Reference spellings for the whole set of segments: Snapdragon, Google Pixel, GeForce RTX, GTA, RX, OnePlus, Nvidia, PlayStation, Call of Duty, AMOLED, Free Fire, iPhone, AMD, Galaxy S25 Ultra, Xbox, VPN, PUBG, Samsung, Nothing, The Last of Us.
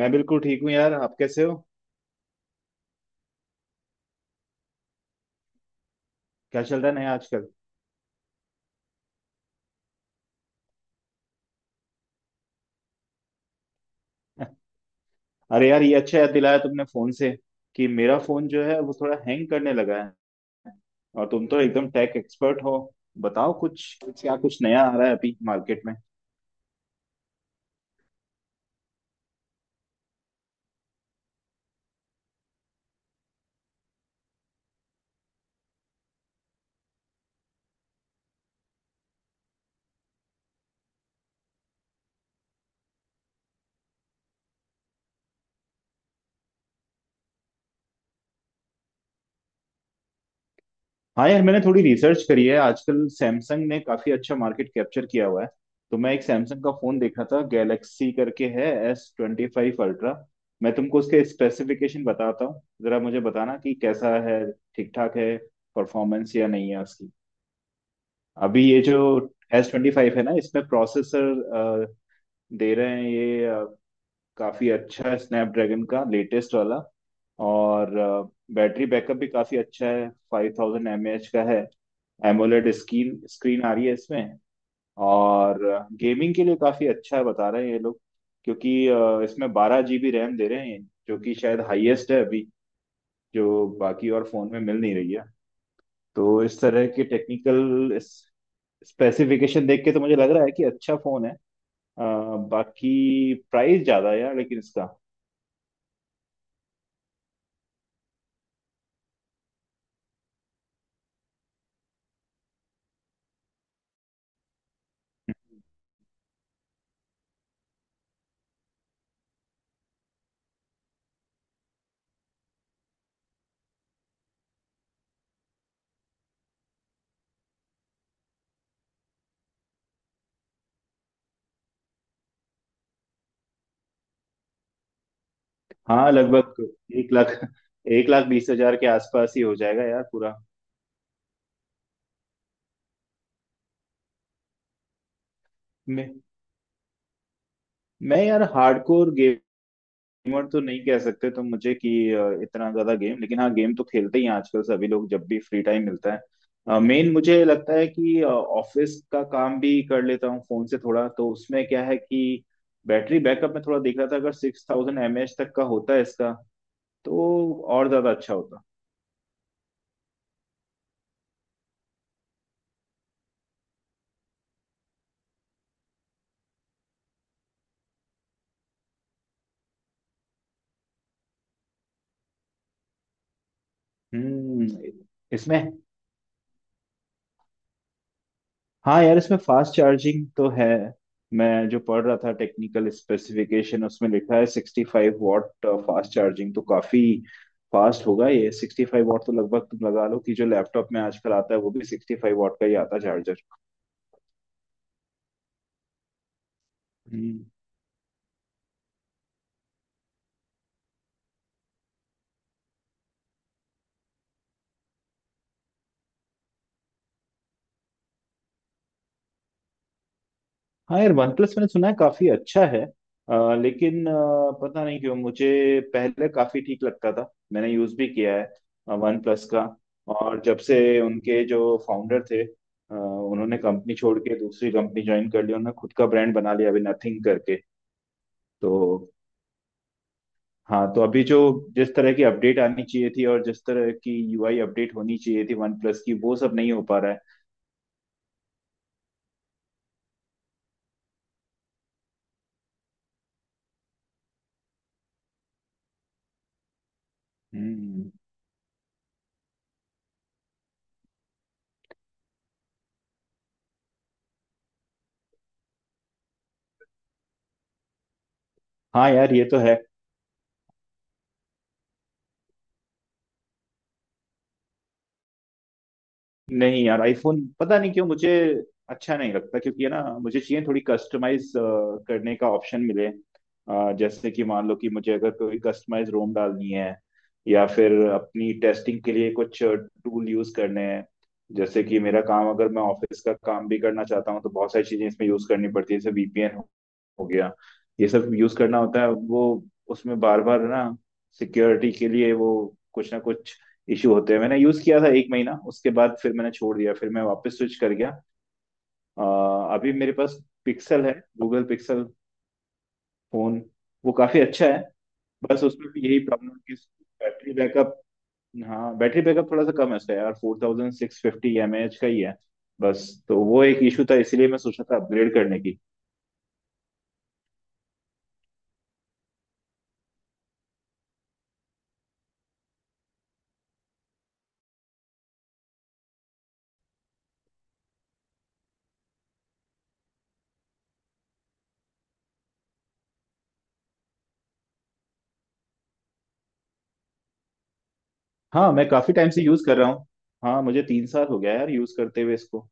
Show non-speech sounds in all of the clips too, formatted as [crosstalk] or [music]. मैं बिल्कुल ठीक हूँ यार। आप कैसे हो? क्या चल रहा है नया आजकल? [laughs] अरे यार, ये अच्छा याद दिलाया तुमने फोन से, कि मेरा फोन जो है वो थोड़ा हैंग करने लगा है। और तुम तो एकदम टेक एक्सपर्ट हो, बताओ कुछ, क्या कुछ नया आ रहा है अभी मार्केट में? हाँ यार, मैंने थोड़ी रिसर्च करी है। आजकल सैमसंग ने काफी अच्छा मार्केट कैप्चर किया हुआ है, तो मैं एक सैमसंग का फोन देख रहा था, गैलेक्सी करके है, S25 अल्ट्रा। मैं तुमको उसके स्पेसिफिकेशन बताता हूँ, जरा मुझे बताना कि कैसा है, ठीक ठाक है परफॉर्मेंस या नहीं है उसकी। अभी ये जो S25 है ना, इसमें प्रोसेसर दे रहे हैं ये काफी अच्छा है, स्नैपड्रैगन का लेटेस्ट वाला। और बैटरी बैकअप भी काफी अच्छा है, 5000 mAh का है। एमोलेड स्क्रीन स्क्रीन आ रही है इसमें। और गेमिंग के लिए काफी अच्छा है, बता रहे हैं ये लोग, क्योंकि इसमें 12 GB रैम दे रहे हैं, जो कि शायद हाईएस्ट है अभी, जो बाकी और फोन में मिल नहीं रही है। तो इस तरह के टेक्निकल स्पेसिफिकेशन देख के तो मुझे लग रहा है कि अच्छा फोन है। अ, बाकी प्राइस ज्यादा है यार, लेकिन इसका। हाँ, लगभग एक लाख, 1 लाख 20 हज़ार के आसपास ही हो जाएगा यार पूरा। मैं मैं यार, हार्डकोर गेमर तो नहीं कह सकते तुम मुझे कि इतना ज्यादा गेम, लेकिन हाँ, गेम तो खेलते ही हैं आजकल सभी लोग जब भी फ्री टाइम मिलता है। मेन मुझे लगता है कि ऑफिस का काम भी कर लेता हूँ फोन से थोड़ा, तो उसमें क्या है कि बैटरी बैकअप में थोड़ा देख रहा था, अगर 6000 mAh तक का होता है इसका, तो और ज्यादा अच्छा होता। हम्म। इसमें हाँ यार, इसमें फास्ट चार्जिंग तो है। मैं जो पढ़ रहा था टेक्निकल स्पेसिफिकेशन, उसमें लिखा है 65 वॉट फास्ट चार्जिंग, तो काफी फास्ट होगा ये। 65 वॉट तो लगभग तुम लगा लो कि जो लैपटॉप में आजकल आता है वो भी 65 वॉट का ही आता है चार्जर। हाँ यार, वन प्लस मैंने सुना है काफी अच्छा है, लेकिन पता नहीं क्यों, मुझे पहले काफी ठीक लगता था, मैंने यूज भी किया है वन प्लस का। और जब से उनके जो फाउंडर थे, उन्होंने कंपनी छोड़ के दूसरी कंपनी ज्वाइन कर ली, उन्होंने खुद का ब्रांड बना लिया अभी नथिंग करके। तो हाँ, तो अभी जो जिस तरह की अपडेट आनी चाहिए थी और जिस तरह की UI अपडेट होनी चाहिए थी वन प्लस की, वो सब नहीं हो पा रहा है। हम्म। हाँ यार, ये तो है। नहीं यार, आईफोन पता नहीं क्यों मुझे अच्छा नहीं लगता, क्योंकि है ना, मुझे चाहिए थोड़ी कस्टमाइज करने का ऑप्शन मिले। जैसे कि मान लो कि मुझे अगर कोई कस्टमाइज रोम डालनी है, या फिर अपनी टेस्टिंग के लिए कुछ टूल यूज करने हैं। जैसे कि मेरा काम, अगर मैं ऑफिस का काम भी करना चाहता हूँ, तो बहुत सारी चीजें इसमें यूज करनी पड़ती है, जैसे VPN हो गया, ये सब यूज करना होता है। वो उसमें बार बार ना, सिक्योरिटी के लिए वो कुछ ना कुछ इशू होते हैं। मैंने यूज किया था एक महीना, उसके बाद फिर मैंने छोड़ दिया, फिर मैं वापस स्विच कर गया। अ, अभी मेरे पास पिक्सल है, गूगल पिक्सल फोन। वो काफी अच्छा है, बस उसमें भी यही प्रॉब्लम कि बैटरी बैकअप। हाँ, बैटरी बैकअप थोड़ा सा कम है उसका यार, 4650 mAh का ही है बस। तो वो एक इशू था, इसीलिए मैं सोचा था अपग्रेड करने की। हाँ, मैं काफी टाइम से यूज कर रहा हूँ। हाँ, मुझे 3 साल हो गया यार यूज करते हुए इसको।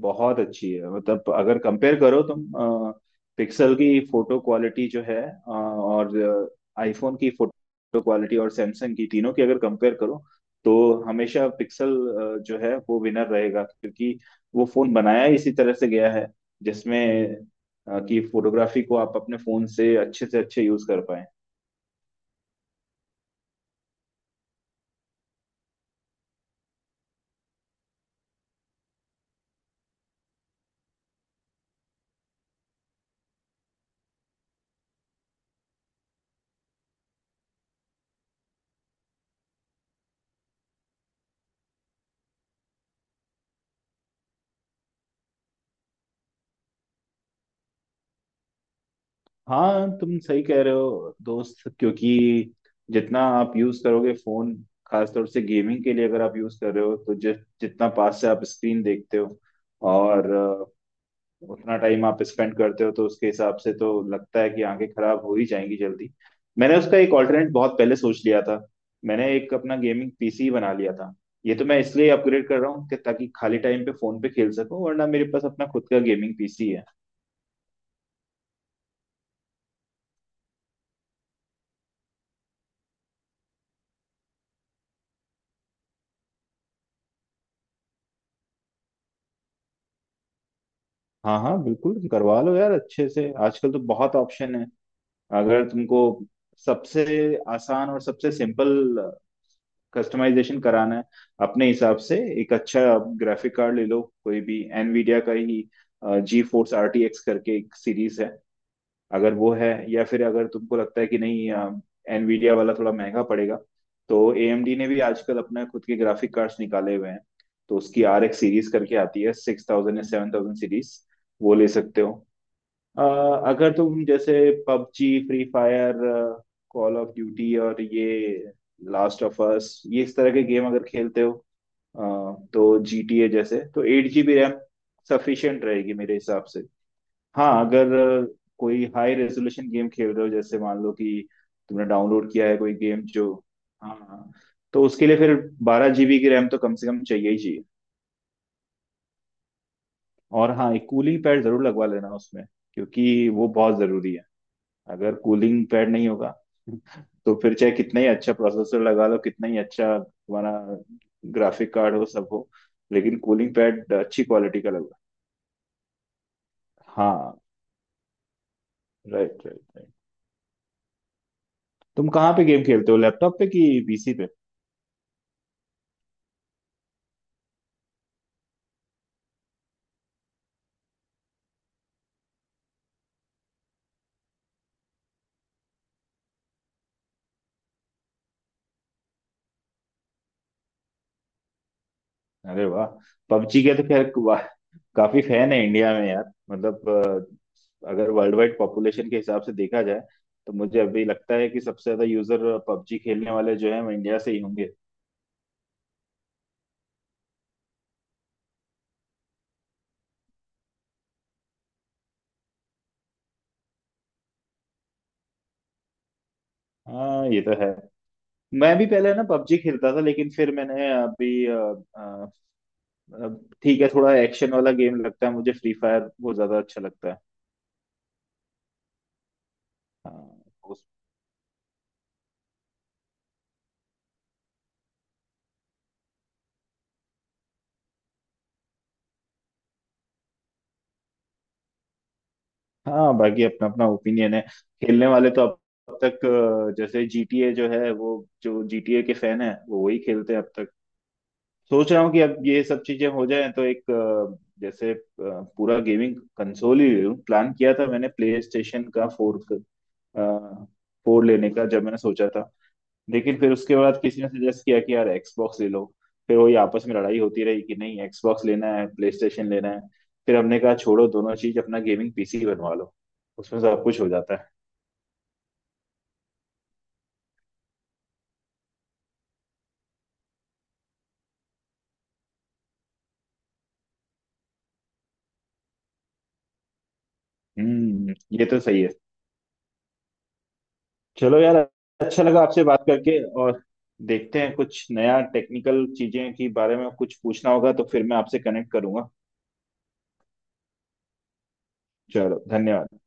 बहुत अच्छी है, मतलब अगर कंपेयर करो तुम पिक्सल की फोटो क्वालिटी जो है, और आईफोन की फोटो क्वालिटी और सैमसंग की, तीनों की अगर कंपेयर करो तो हमेशा पिक्सल जो है वो विनर रहेगा, क्योंकि वो फोन बनाया ही इसी तरह से गया है, जिसमें कि फोटोग्राफी को आप अपने फोन से अच्छे यूज कर पाए। हाँ, तुम सही कह रहे हो दोस्त, क्योंकि जितना आप यूज करोगे फोन, खासतौर से गेमिंग के लिए अगर आप यूज कर रहे हो, तो जितना पास से आप स्क्रीन देखते हो और उतना टाइम आप स्पेंड करते हो, तो उसके हिसाब से तो लगता है कि आंखें खराब हो ही जाएंगी जल्दी। मैंने उसका एक ऑल्टरनेट बहुत पहले सोच लिया था, मैंने एक अपना गेमिंग PC बना लिया था। ये तो मैं इसलिए अपग्रेड कर रहा हूँ कि ताकि खाली टाइम पे फोन पे खेल सकूं, वरना मेरे पास अपना खुद का गेमिंग पीसी है। हाँ हाँ, बिल्कुल करवा लो यार, अच्छे से, आजकल तो बहुत ऑप्शन है। अगर तुमको सबसे आसान और सबसे सिंपल कस्टमाइजेशन कराना है अपने हिसाब से, एक अच्छा ग्राफिक कार्ड ले लो, कोई भी एनवीडिया का ही, जी फोर्स RTX करके एक सीरीज है, अगर वो है। या फिर अगर तुमको लगता है कि नहीं, एनवीडिया वाला थोड़ा महंगा पड़ेगा, तो AMD ने भी आजकल अपना खुद के ग्राफिक कार्ड्स निकाले हुए हैं, तो उसकी RX सीरीज करके आती है, 6000 या 7000 सीरीज, वो ले सकते हो। अ, अगर तुम जैसे PUBG, free fire, call of duty और ये लास्ट ऑफ अस, ये इस तरह के गेम अगर खेलते हो, अ, तो GTA जैसे तो 8 GB रैम सफिशियंट रहेगी मेरे हिसाब से। हाँ, अगर अ, कोई हाई रेजोल्यूशन गेम खेल रहे हो, जैसे मान लो कि तुमने डाउनलोड किया है कोई गेम जो, हाँ हाँ, तो उसके लिए फिर 12 GB की रैम तो कम से कम चाहिए ही चाहिए। और हाँ, एक कूलिंग पैड जरूर लगवा लेना उसमें, क्योंकि वो बहुत जरूरी है। अगर कूलिंग पैड नहीं होगा [laughs] तो फिर चाहे कितना ही अच्छा प्रोसेसर लगा लो, कितना ही अच्छा तुम्हारा ग्राफिक कार्ड हो, सब हो, लेकिन कूलिंग पैड अच्छी क्वालिटी का लगा। हाँ, राइट राइट राइट। तुम कहाँ पे गेम खेलते हो, लैपटॉप पे कि पीसी पे? अरे वाह, पबजी के तो खैर, वाह, काफी फैन है इंडिया में यार, मतलब अगर वर्ल्ड वाइड पॉपुलेशन के हिसाब से देखा जाए, तो मुझे अभी लगता है कि सबसे ज्यादा यूजर पबजी खेलने वाले जो है वो इंडिया से ही होंगे। हाँ, ये तो है। मैं भी पहले ना पबजी खेलता था, लेकिन फिर मैंने अभी अ, अ, ठीक है, थोड़ा एक्शन वाला गेम लगता है, मुझे फ्री फायर बहुत ज्यादा अच्छा लगता है। हाँ। उस- हाँ, बाकी अपना अपना ओपिनियन है। खेलने वाले तो अब तक जैसे GTA जो है वो, जो GTA के फैन है वो वही खेलते हैं अब तक। सोच रहा हूँ कि अब ये सब चीजें हो जाएं तो एक जैसे पूरा गेमिंग कंसोल ही ले लूं। प्लान किया था मैंने प्ले स्टेशन का फोर फोर लेने का जब मैंने सोचा था। लेकिन फिर उसके बाद किसी ने सजेस्ट किया कि यार एक्सबॉक्स ले लो, फिर वही आपस में लड़ाई होती रही कि नहीं एक्सबॉक्स लेना है, प्ले स्टेशन लेना है। फिर हमने कहा छोड़ो दोनों चीज, अपना गेमिंग पीसी बनवा लो, उसमें सब कुछ हो जाता है। हम्म, ये तो सही है। चलो यार, अच्छा लगा आपसे बात करके। और देखते हैं, कुछ नया टेक्निकल चीजें के बारे में कुछ पूछना होगा तो फिर मैं आपसे कनेक्ट करूंगा। चलो, धन्यवाद।